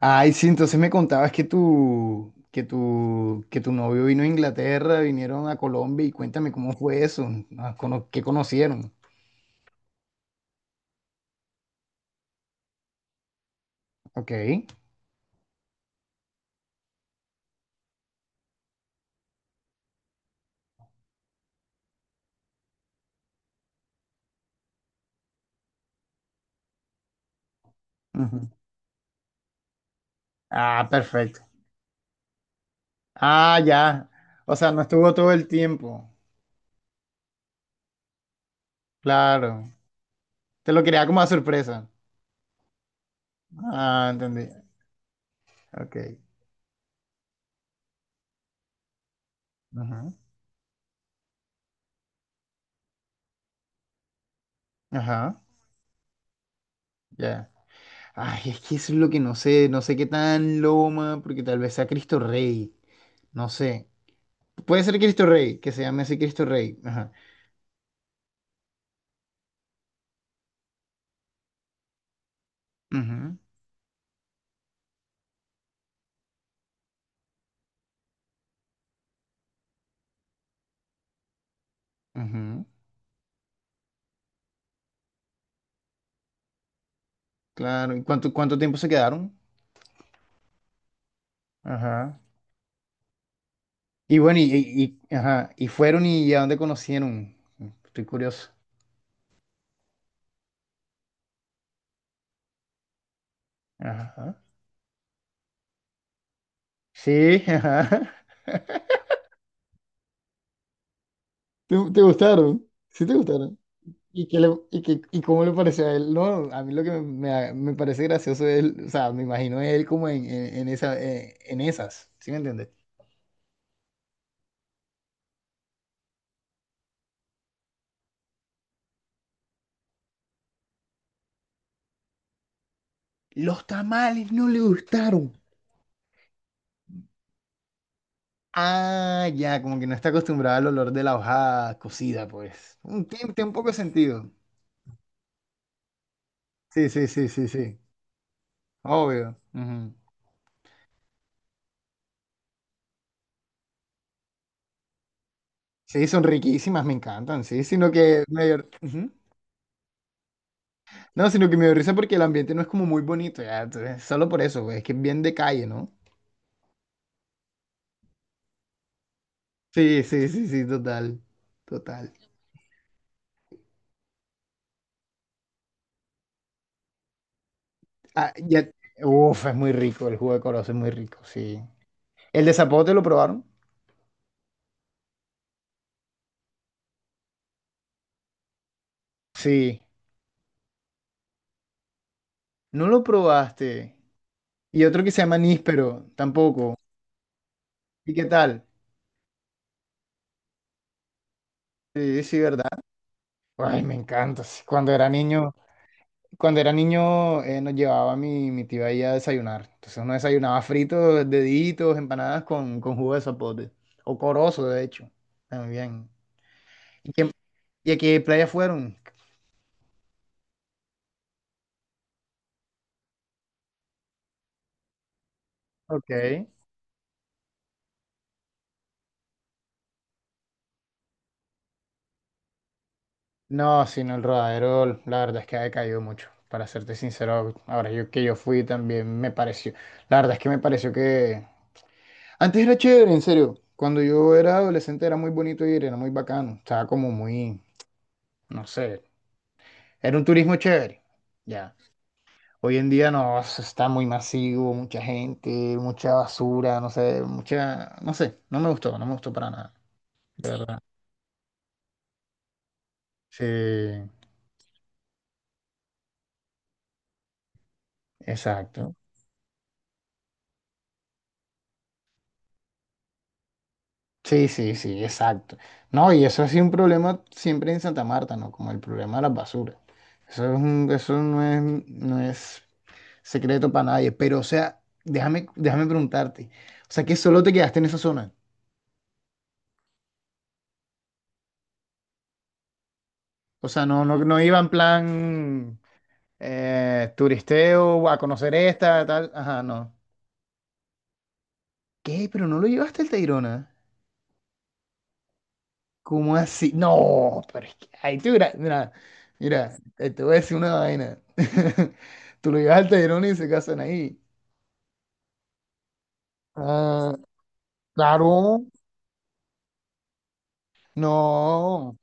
Ay, sí, entonces me contabas que tu novio vino a Inglaterra, vinieron a Colombia y cuéntame cómo fue eso, qué conocieron. Ok. Ujú. Ah, perfecto. Ah, ya. O sea, no estuvo todo el tiempo. Claro. Te lo quería como a sorpresa. Ah, entendí. Ok. Ujú. Ajá. Ya. Ay, es que eso es lo que no sé, no sé qué tan loma, porque tal vez sea Cristo Rey. No sé. Puede ser Cristo Rey, que se llame así Cristo Rey. Ajá. Ujú, ujú. Claro. ¿Y cuánto tiempo se quedaron? Ajá. Y bueno, ajá. ¿Y fueron y a dónde conocieron? Estoy curioso. Ajá. Sí, ajá. ¿Te, te gustaron? Sí, te gustaron. ¿Y qué le- y qué- y cómo le pareció a él? No, a mí lo que me parece gracioso es él, o sea, me imagino a él como en esas, ¿sí me entiendes? Los tamales no le gustaron. Ah, ya, como que no está acostumbrada al olor de la hoja cocida, pues. Tiene un poco de sentido. Sí, sí, sí, sí, sí. Obvio. Ujú. Sí, son riquísimas, me encantan, sí, sino que ujú. No, sino que me dio risa porque el ambiente no es como muy bonito, ya, entonces, solo por eso, güey, es que es bien de calle, ¿no? Sí, sí, sí, sí, total, total. Ah, ya, uf, es muy rico, el jugo de corozo es muy rico, sí. ¿El de zapote lo probaron? Sí. No lo probaste. Y otro que se llama níspero, tampoco. ¿Y qué tal? Sí, sí, ¿verdad? Ay, me encanta. Sí. Cuando era niño, nos llevaba mi tía ahí a desayunar. Entonces uno desayunaba fritos, deditos, empanadas con jugo de zapote. O corozo, de hecho. También. ¿Y, qué- y a qué playa fueron? Ok. No, sino el rodadero, la verdad es que ha decaído mucho. Para serte sincero, ahora yo que yo fui también me pareció. La verdad es que me pareció que antes era chévere, en serio. Cuando yo era adolescente era muy bonito ir, era muy bacano. Estaba como muy, no sé, era un turismo chévere. Ya. Hoy en día no, eso está muy masivo, mucha gente, mucha basura, no sé, mucha, no sé, no me gustó, no me gustó para nada, de, sí, verdad. Sí, exacto. Sí, sí, sí, exacto. No, y eso es un problema siempre en Santa Marta, ¿no? Como el problema de las basuras. Eso no es, secreto para nadie. Pero, o sea, déjame preguntarte. O sea, que solo te quedaste en esa zona. O sea, no, no, no iba en plan turisteo a conocer esta, tal. Ajá, no. ¿Qué? Pero no lo llevaste al Tayrona. ¿Cómo así? No, pero es que ahí tú, mira, mira, mira, te voy a decir una vaina. Tú lo llevas al Tayrona y se casan ahí. Ah, claro, no,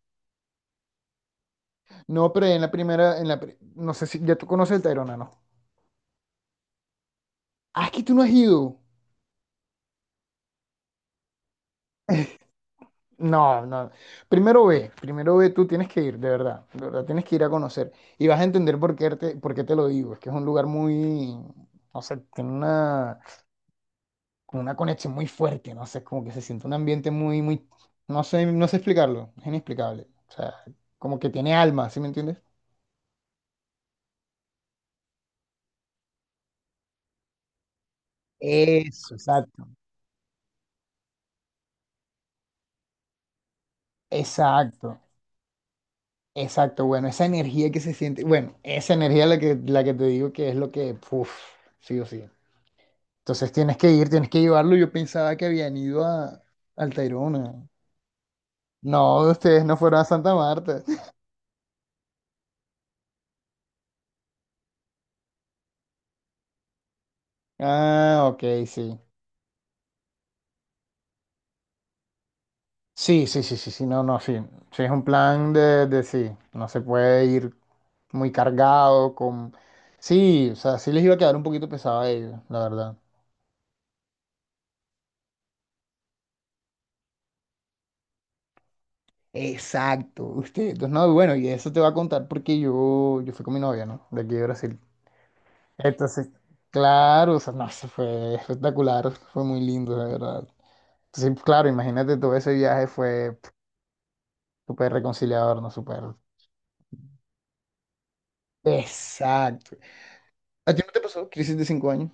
no, pero en la primera, en la, pri- no sé si ya tú conoces el Tayrona, ¿no? Ah, es que tú no has ido. No, no. Primero ve, tú tienes que ir, de verdad, tienes que ir a conocer. Y vas a entender por qué te lo digo. Es que es un lugar muy, no sé, tiene una como una conexión muy fuerte, no sé, es como que se siente un ambiente muy, muy, no sé, no sé explicarlo, es inexplicable. O sea, como que tiene alma, ¿sí me entiendes? Eso, exacto, exacto, exacto, bueno, esa energía que se siente, bueno, esa energía la que te digo que es lo que, uff, sí o sí. Entonces tienes que ir, tienes que llevarlo. Yo pensaba que habían ido a, al Tayrona. No, ustedes no fueron a Santa Marta. Ah, ok, sí. Sí, sí, sí, sí, sí, no, no, sí. Sí, es un plan de sí. No se puede ir muy cargado con... Sí, o sea, sí les iba a quedar un poquito pesado a ellos, la verdad. Exacto, usted. Entonces, no, bueno, y eso te va a contar porque yo fui con mi novia, ¿no? De aquí de Brasil. Entonces, claro, o sea, no, eso fue espectacular, fue muy lindo, de verdad. Entonces, claro, imagínate, todo ese viaje fue pf, súper reconciliador, ¿no? Súper... Exacto. ¿A ti no te pasó crisis de 5 años?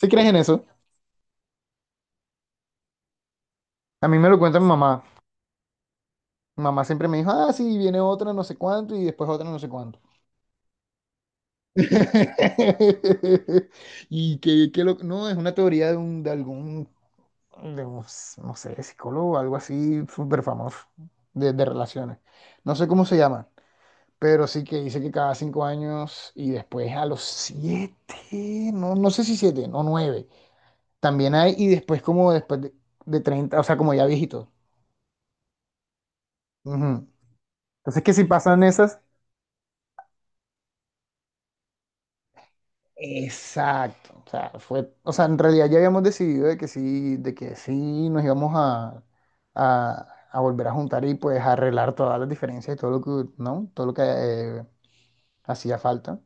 ¿Sí crees en eso? A mí me lo cuenta mi mamá. Mi mamá siempre me dijo, ah, sí, viene otra no sé cuánto y después otra no sé cuánto. No, es una teoría de un no sé, psicólogo o algo así súper famoso de relaciones. No sé cómo se llama, pero sí que dice que cada 5 años y después a los siete, no, no sé si siete, no nueve, también hay y después como después de 30, o sea, como ya viejitos. Ujú. Entonces que si pasan esas... Exacto. O sea, en realidad ya habíamos decidido de que sí nos íbamos a volver a juntar y pues arreglar todas las diferencias y todo lo que, ¿no? Todo lo que hacía falta.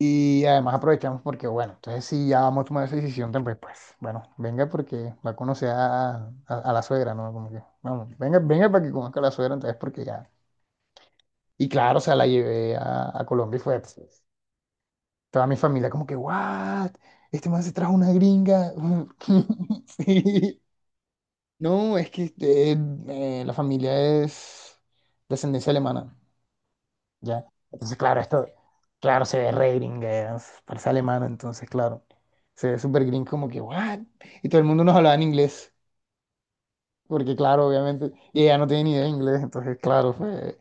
Y además aprovechamos porque, bueno, entonces si ya vamos a tomar esa decisión, tan, pues bueno, venga porque va a conocer a la suegra, ¿no? Como que, vamos, venga, venga para que conozca a la suegra, entonces porque ya. Y claro, o sea, la llevé a Colombia y fue... pues, toda mi familia como que, ¿what? Este man se trajo una gringa. Sí. No, es que la familia es descendencia alemana, ¿ya? Entonces, claro, esto, claro, se ve re gringa, parece alemana, entonces, claro, se ve súper gringa como que, ¿what? Y todo el mundo nos hablaba en inglés, porque, claro, obviamente, y ella no tiene ni idea de inglés, entonces, claro, fue...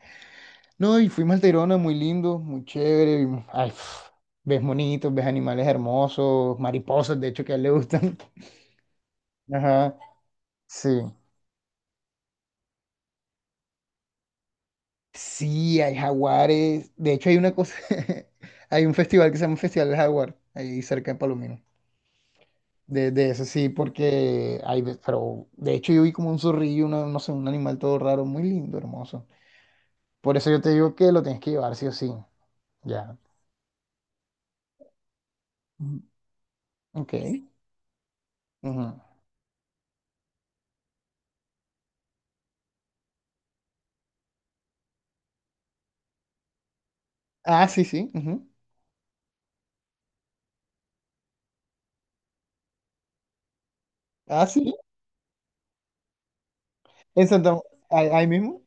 No, y fuimos al Tayrona, muy lindo, muy chévere. Ay, pf, ves monitos, ves animales hermosos, mariposas, de hecho, que a él le gustan. Ajá, sí. Sí, hay jaguares. De hecho, hay una cosa, hay un festival que se llama Festival del Jaguar, ahí cerca de Palomino. De eso sí, porque pero de hecho yo vi como un zorrillo, no sé, un animal todo raro, muy lindo, hermoso. Por eso yo te digo que lo tienes que llevar sí o sí. Ya. Ujú. Ok. Ujú. Ah, sí, sí. Ujú. Ah, sí. En Santa, ahí, ahí mismo.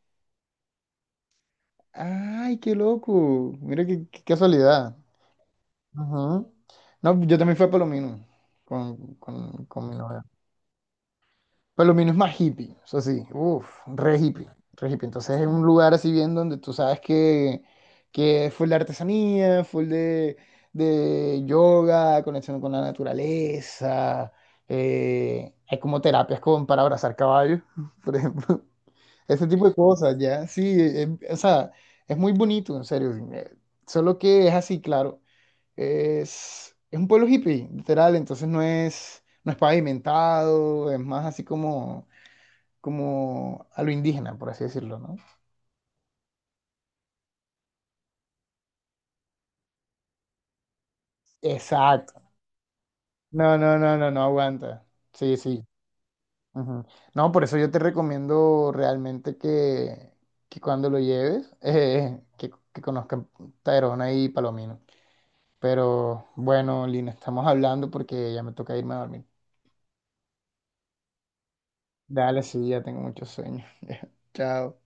Ay, qué loco. Mira qué casualidad. Ajá. No, yo también fui a Palomino con mi novia. Palomino es más hippie, eso sí, uff, re hippie, re hippie. Entonces es un lugar así bien donde tú sabes que full de artesanía, full de yoga, conexión con la naturaleza. Hay como terapias para abrazar caballos, por ejemplo. Ese tipo de cosas, ya, sí, o sea, es muy bonito, en serio. Solo que es así, claro. Es un pueblo hippie, literal, entonces no es, pavimentado, es más así como a lo indígena, por así decirlo, ¿no? Exacto. No, no, no, no, no aguanta. Sí, sí. Ujú. No, por eso yo te recomiendo realmente que cuando lo lleves, que conozcan Tayrona y Palomino. Pero bueno, Lina, estamos hablando porque ya me toca irme a dormir. Dale, sí, ya tengo mucho sueño. Chao.